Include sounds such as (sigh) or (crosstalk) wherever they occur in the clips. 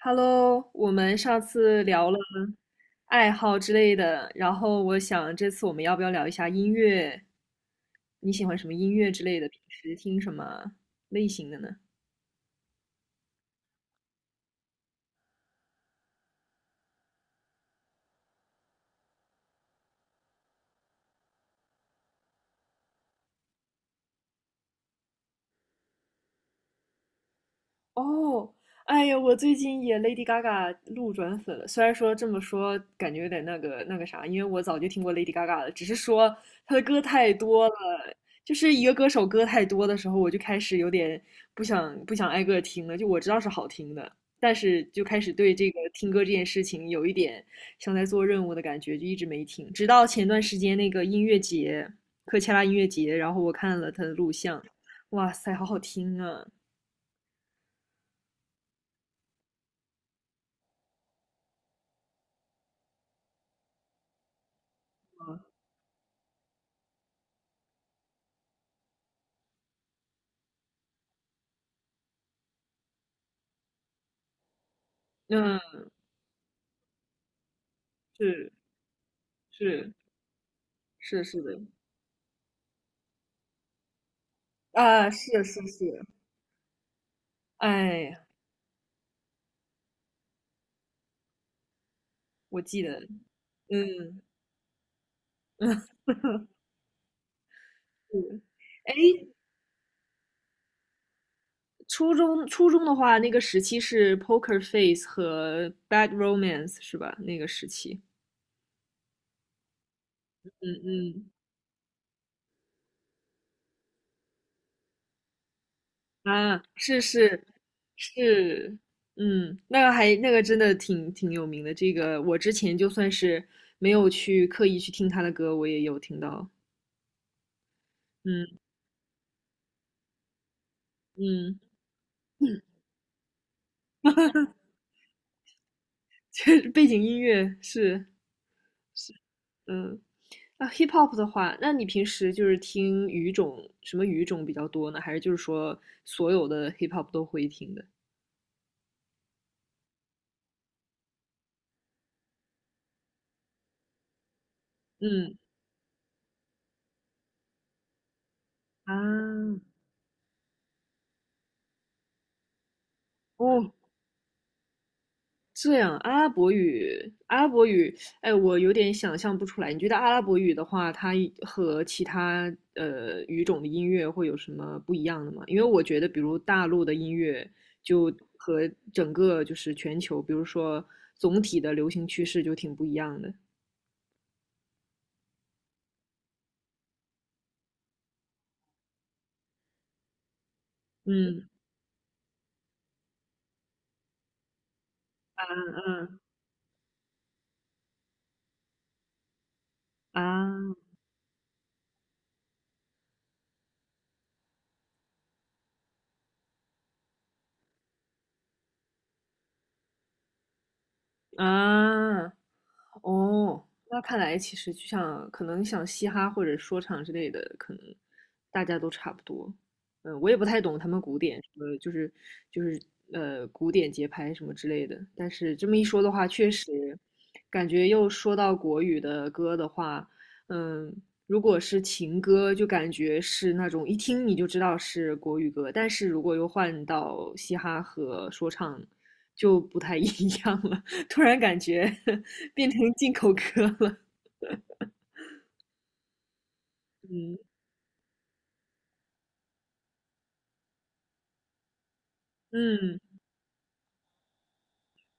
Hello，我们上次聊了爱好之类的，然后我想这次我们要不要聊一下音乐？你喜欢什么音乐之类的？平时听什么类型的呢？哦，哎呀，我最近也 Lady Gaga 路转粉了。虽然说这么说，感觉有点那个啥，因为我早就听过 Lady Gaga 了，只是说她的歌太多了，就是一个歌手歌太多的时候，我就开始有点不想挨个听了。就我知道是好听的，但是就开始对这个听歌这件事情有一点像在做任务的感觉，就一直没听。直到前段时间那个音乐节，科切拉音乐节，然后我看了他的录像，哇塞，好好听啊！嗯，是是是是的，啊，是是是，哎呀，我记得，嗯，是，哎，初中的话，那个时期是 Poker Face 和 Bad Romance 是吧？那个时期，嗯嗯，啊，是是是，嗯，那个还那个真的挺有名的，这个我之前就算是没有去刻意去听他的歌，我也有听到，嗯嗯，(laughs) 实背景音乐是，嗯。啊，hip hop 的话，那你平时就是听语种，什么语种比较多呢？还是就是说所有的 hip hop 都会听的？嗯，啊，哦，这样，阿拉伯语，阿拉伯语，哎，我有点想象不出来。你觉得阿拉伯语的话，它和其他语种的音乐会有什么不一样的吗？因为我觉得，比如大陆的音乐，就和整个就是全球，比如说总体的流行趋势就挺不一样的。嗯，嗯嗯啊。啊，哦，那看来其实就像可能像嘻哈或者说唱之类的，可能大家都差不多。嗯，我也不太懂他们古典什么，就是古典节拍什么之类的。但是这么一说的话，确实感觉又说到国语的歌的话，嗯，如果是情歌，就感觉是那种一听你就知道是国语歌，但是如果又换到嘻哈和说唱，就不太一样了。(laughs) 突然感觉 (laughs) 变成进口歌了。(laughs) 嗯嗯，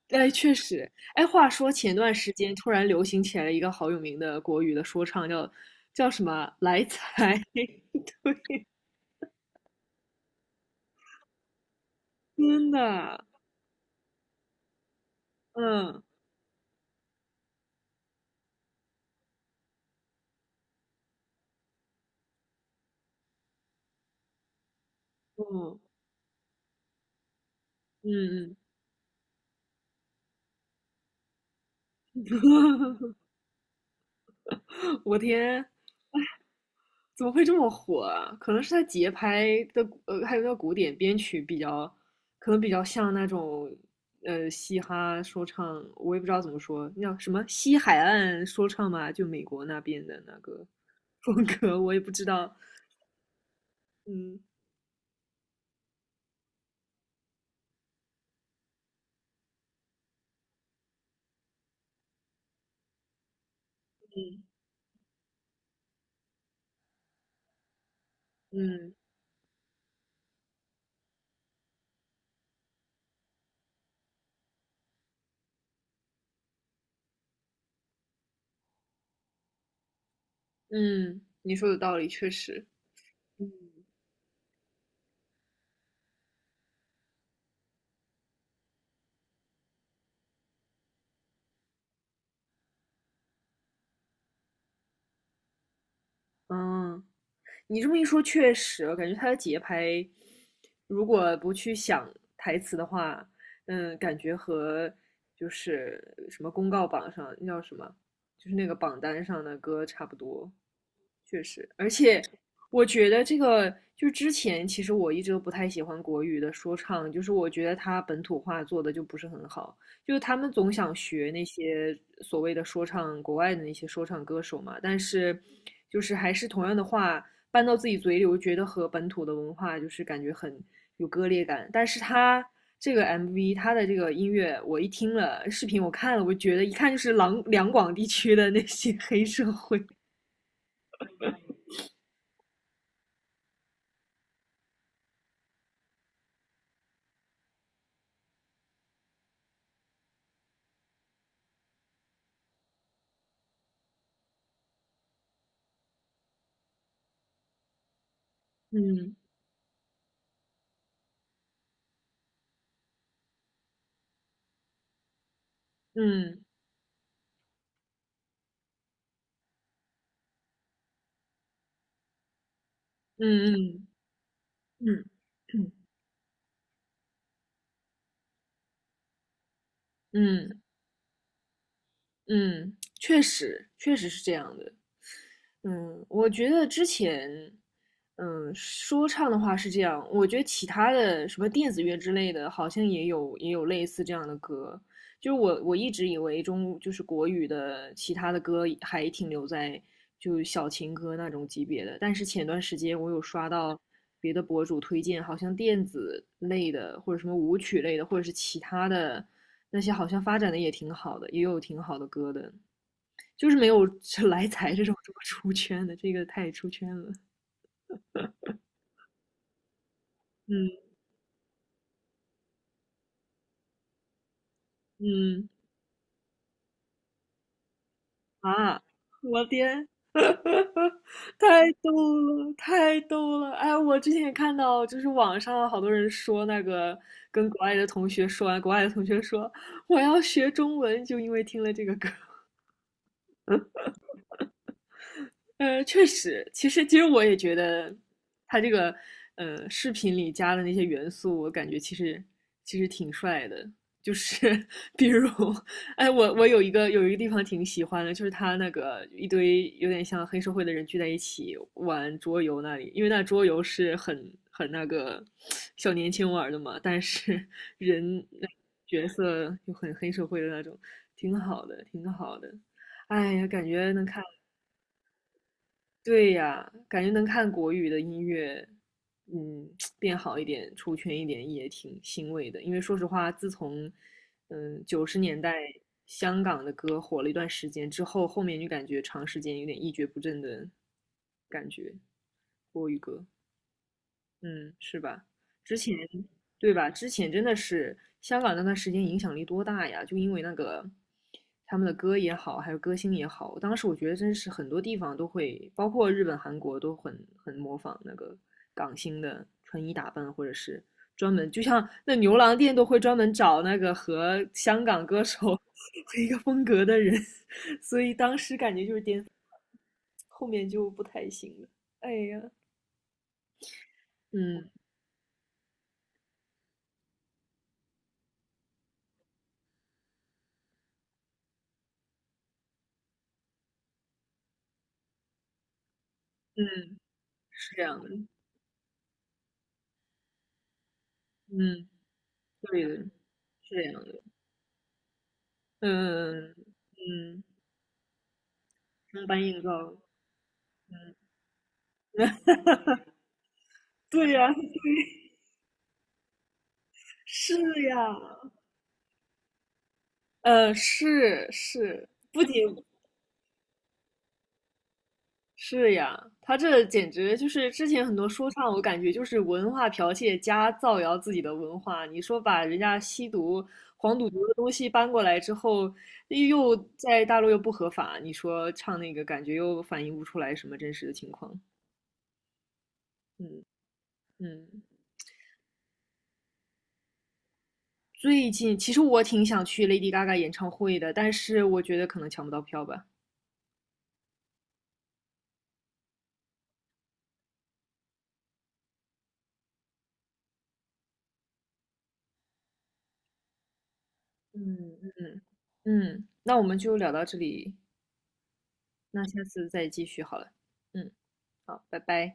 哎，确实，哎，话说前段时间突然流行起来了一个好有名的国语的说唱，叫什么来财？(laughs) 对，真的，嗯嗯嗯嗯，(laughs) 我天，怎么会这么火啊？可能是他节拍的，还有那古典编曲比较，可能比较像那种，嘻哈说唱，我也不知道怎么说，那叫什么西海岸说唱嘛，就美国那边的那个 (laughs) 风格，我也不知道。嗯嗯嗯嗯，你说的道理确实。嗯，你这么一说，确实，我感觉他的节拍，如果不去想台词的话，感觉和就是什么公告榜上那叫什么，就是那个榜单上的歌差不多。确实，而且我觉得这个就是之前其实我一直都不太喜欢国语的说唱，就是我觉得他本土化做的就不是很好，就是他们总想学那些所谓的说唱国外的那些说唱歌手嘛，但是就是还是同样的话，搬到自己嘴里，我觉得和本土的文化就是感觉很有割裂感。但是他这个 MV,他的这个音乐，我一听了视频，我看了，我觉得一看就是两广地区的那些 (laughs) 黑社会。嗯嗯嗯嗯嗯嗯。嗯嗯嗯，确实，确实是这样的。嗯，我觉得之前，说唱的话是这样，我觉得其他的什么电子乐之类的，好像也有类似这样的歌。就是我一直以为就是国语的其他的歌还停留在就小情歌那种级别的，但是前段时间我有刷到别的博主推荐，好像电子类的或者什么舞曲类的，或者是其他的那些好像发展的也挺好的，也有挺好的歌的，就是没有 (laughs) 来财这种这么出圈的，这个太出圈了。嗯嗯啊，我天，太逗了，太逗了！哎，我之前也看到，就是网上好多人说那个跟国外的同学说，国外的同学说我要学中文，就因为听了这个歌。确实，其实我也觉得，他这个视频里加的那些元素，我感觉其实挺帅的。就是 (laughs) 比如，哎，我有一个地方挺喜欢的，就是他那个一堆有点像黑社会的人聚在一起玩桌游那里，因为那桌游是很那个小年轻玩的嘛，但是 (laughs) 人角色又很黑社会的那种，挺好的，挺好的。哎呀，感觉能看。对呀，感觉能看国语的音乐，嗯，(tsk) 变好一点、出圈一点也挺欣慰的。因为说实话，自从九十年代香港的歌火了一段时间之后，后面就感觉长时间有点一蹶不振的感觉，国语歌。嗯，是吧？之前，对吧？之前真的是香港那段时间影响力多大呀？就因为那个他们的歌也好，还有歌星也好，当时我觉得真是很多地方都会，包括日本、韩国都很模仿那个港星的穿衣打扮，或者是专门，就像那牛郎店都会专门找那个和香港歌手 (laughs) 和一个风格的人，(laughs) 所以当时感觉就是后面就不太行了。哎呀，嗯嗯，是这样的。嗯，对的，是这样的。嗯嗯，生搬硬造。嗯，对呀，(laughs) 是呀，是是，不仅是呀，他这简直就是之前很多说唱，我感觉就是文化剽窃加造谣自己的文化。你说把人家吸毒、黄赌毒的东西搬过来之后，又在大陆又不合法，你说唱那个感觉又反映不出来什么真实的情况。嗯嗯。最近其实我挺想去 Lady Gaga 演唱会的，但是我觉得可能抢不到票吧。嗯嗯，嗯嗯，那我们就聊到这里，那下次再继续好了。嗯，好，拜拜。